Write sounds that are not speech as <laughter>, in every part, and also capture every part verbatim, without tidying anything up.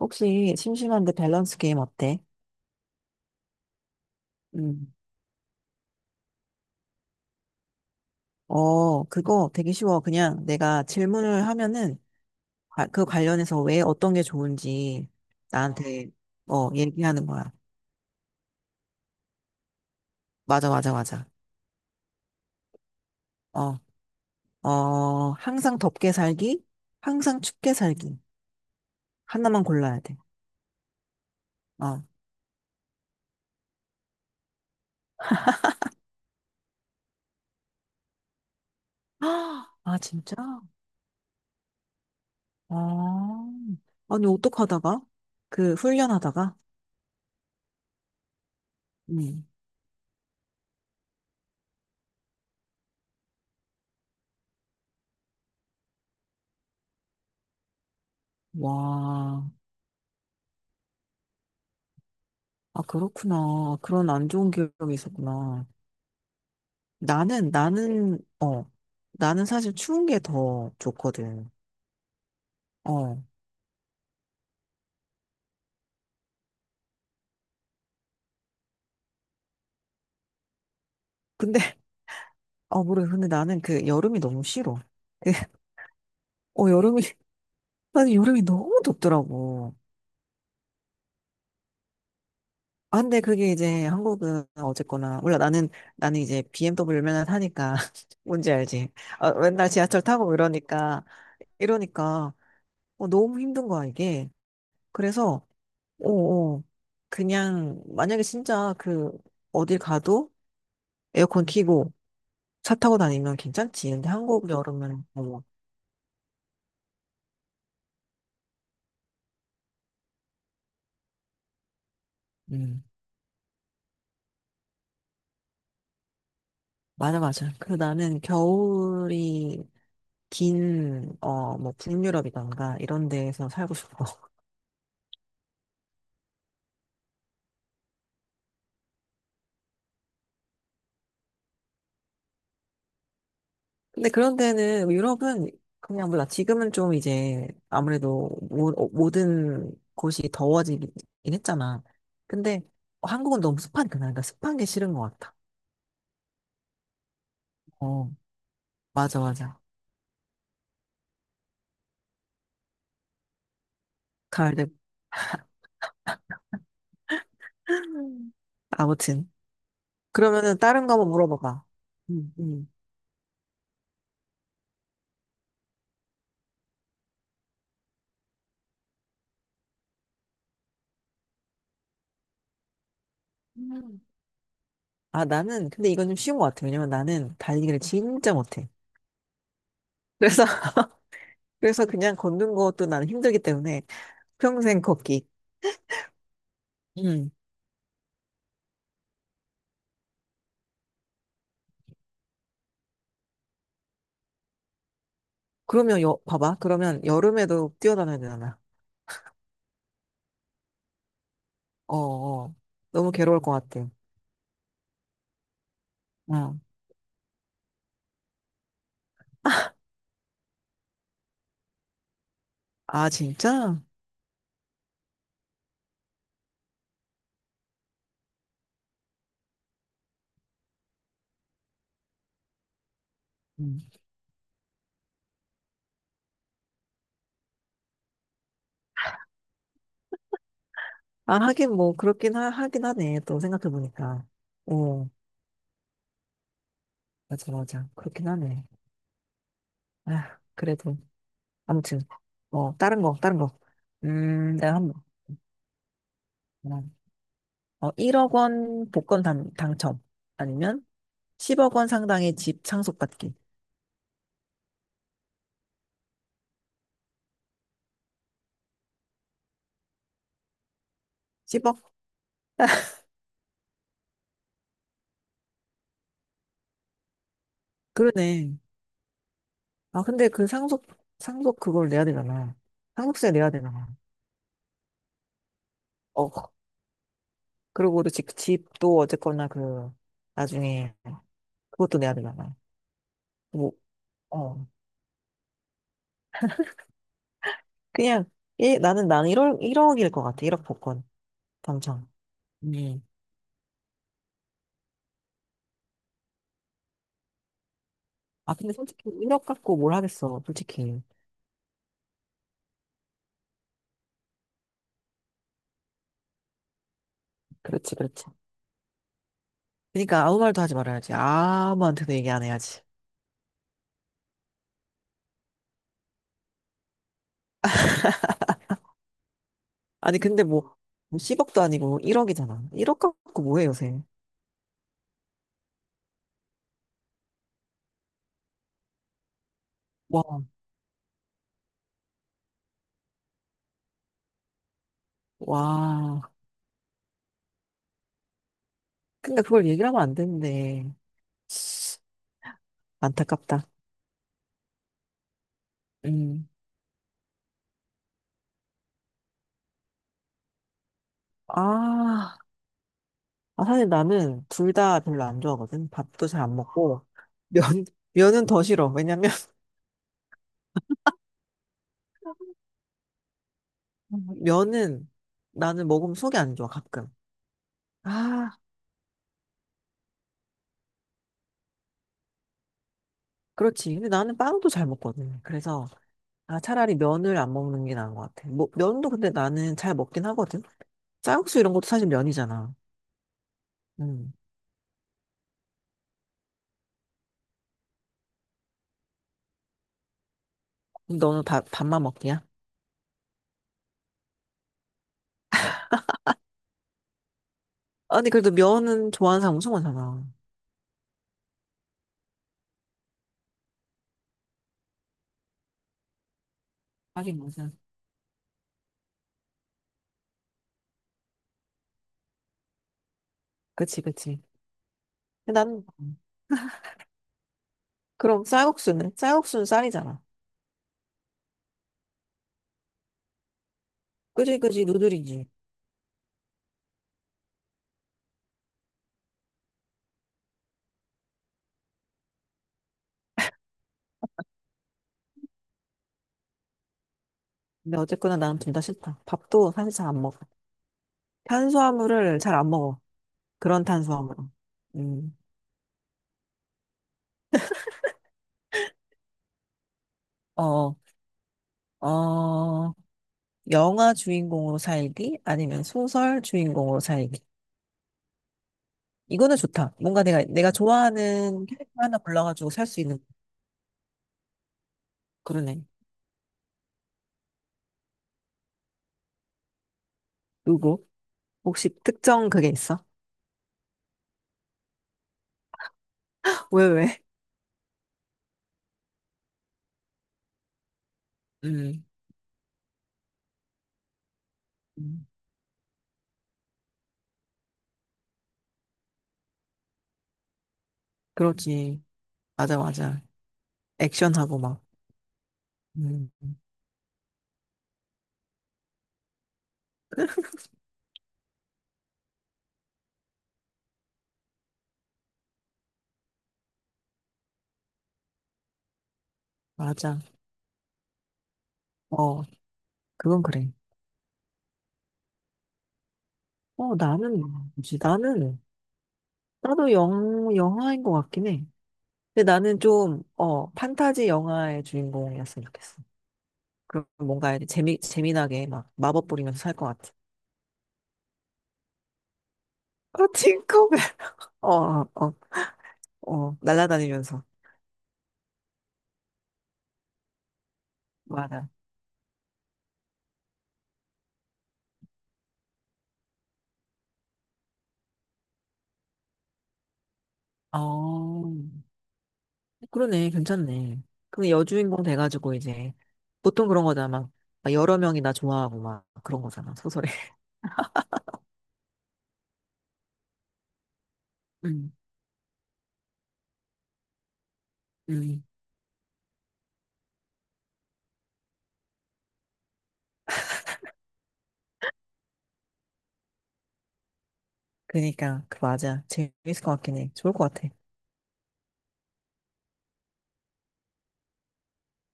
혹시 심심한데 밸런스 게임 어때? 음, 어, 그거 되게 쉬워. 그냥 내가 질문을 하면은 아, 그 관련해서 왜 어떤 게 좋은지 어, 나한테 어, 얘기하는 거야. 맞아, 맞아, 맞아. 어, 어, 항상 덥게 살기, 항상 춥게 살기. 하나만 골라야 돼. 어. 아, 아, 진짜? 아, 아니, 어떡하다가? 그, 훈련하다가? 음. 와, 아, 그렇구나. 그런 안 좋은 기억이 있었구나. 나는, 나는, 어, 나는 사실 추운 게 더 좋거든. 어, 근데, <laughs> 어, 모르겠어. 근데 나는 그 여름이 너무 싫어. 그, <laughs> 어, 여름이, <laughs> 나는 여름이 너무 덥더라고. 아, 근데 그게 이제 한국은 어쨌거나, 몰라, 나는, 나는 이제 비엠더블유 맨날 타니까, <laughs> 뭔지 알지? 어, 맨날 지하철 타고 이러니까, 이러니까, 어, 너무 힘든 거야, 이게. 그래서, 어, 어, 그냥, 만약에 진짜 그, 어딜 가도 에어컨 켜고, 차 타고 다니면 괜찮지. 근데 한국 여름은 어머. 음. 맞아, 맞아. 그 나는 겨울이 긴 어 뭐 북유럽이던가 이런 데에서 살고 싶어. <laughs> 근데 그런 데는 유럽은 그냥 몰라. 지금은 좀 이제 아무래도 모, 어, 모든 곳이 더워지긴 했잖아. 근데 한국은 너무 습하니까 그러니까 습한 게 싫은 것 같아. 어, 맞아, 맞아. 가을 되 <laughs> 아무튼 그러면은 다른 거 한번 물어봐봐. 응, 응. 아, 나는, 근데 이건 좀 쉬운 것 같아. 왜냐면 나는 달리기를 진짜 못해. 그래서, <laughs> 그래서 그냥 걷는 것도 나는 힘들기 때문에 평생 걷기. 음. 그러면, 여, 봐봐. 그러면 여름에도 뛰어다녀야 되잖아. 어, 어. 너무 괴로울 것 같아. 어. 아, 진짜? 음. 아, 하긴 뭐, 그렇긴 하, 하긴 하네. 또 생각해보니까. 오, 맞아, 맞아. 그렇긴 하네. 아, 그래도. 아무튼. 어, 다른 거, 다른 거. 음, 내가 한번. 어, 일억 원 복권 당, 당첨. 아니면 십억 원 상당의 집 상속받기. 십억? 그러네. 아, 근데 그 상속, 상속 그걸 내야 되잖아. 상속세 내야 되잖아. 어, 그리고 또 집, 집도 어쨌거나 그, 나중에 그것도 내야 되잖아. 뭐, 어. 그냥, 예, 나는, 나는 일억, 일억일 것 같아. 일억 복권 당첨. 음. 아, 근데 솔직히 일억 갖고 뭘 하겠어. 솔직히. 그렇지, 그렇지. 그러니까 아무 말도 하지 말아야지. 아무한테도 얘기 안 해야지. 아니, 근데 뭐, 뭐 십억도 아니고 일억이잖아. 일억 갖고 뭐해, 요새. 와, 와. 근데 그걸 얘기를 하면 안 되는데. 안타깝다. 음. 아, 아, 사실 나는 둘 다 별로 안 좋아하거든. 밥도 잘 안 먹고. 면, 면은 더 싫어. 왜냐면, <laughs> 면은 나는 먹으면 속이 안 좋아, 가끔. 아, 그렇지. 근데 나는 빵도 잘 먹거든. 그래서, 아, 차라리 면을 안 먹는 게 나은 것 같아. 뭐, 면도 근데 나는 잘 먹긴 하거든. 쌀국수 이런 것도 사실 면이잖아. 음. 그럼 너는 밥, 밥만 먹기야? 아니, 그래도 면은 좋아하는 사람 엄청 많잖아. 하긴 무슨. 그치, 그치. 근데 난, 그럼 쌀국수는? 쌀국수는 쌀이잖아. 그지, 그지, 누들이지. 근데 어쨌거나 나는 둘 다 싫다. 밥도 사실 잘 안 먹어. 탄수화물을 잘 안 먹어. 그런 탄수화물. 음. 어, 어, 영화 주인공으로 살기? 아니면 소설 주인공으로 살기? 이거는 좋다. 뭔가 내가, 내가 좋아하는 캐릭터 하나 골라가지고 살 수 있는, 그러네. 누구? 혹시 특정 그게 있어? 왜, 왜? 음, 음, 그렇지. 맞아, 맞아. 액션하고 막. 음, <laughs> 맞아. 어, 그건 그래. 어, 나는, 뭐지? 나는, 나도 영, 영화인 것 같긴 해. 근데 나는 좀, 어, 판타지 영화의 주인공이었으면 좋겠어. 그럼 뭔가 이렇게 재미, 재미나게 막 마법 부리면서 살 것 같아. 어, 팅커벨. <laughs> 어, 어, 어, 날아다니면서. 맞아. 어. 그러네, 괜찮네. 근데 여주인공 돼가지고 이제 보통 그런 거잖아. 막, 막 여러 명이 나 좋아하고 막 그런 거잖아, 소설에. <laughs> 음, 음. 그러니까 그 맞아. 재밌을 것 같긴 해. 좋을 것 같아.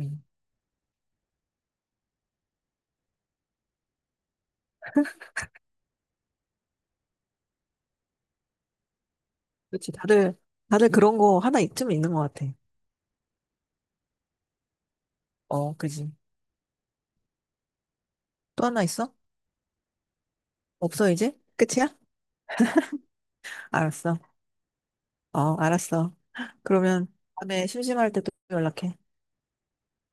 음. 그렇지. 다들 다들 그런 거 하나 있쯤 있는 것 같아. 어, 그지. 또 하나 있어? 없어 이제? 끝이야? 알았어. 어, 알았어. 그러면 다음에 심심할 때 또 연락해.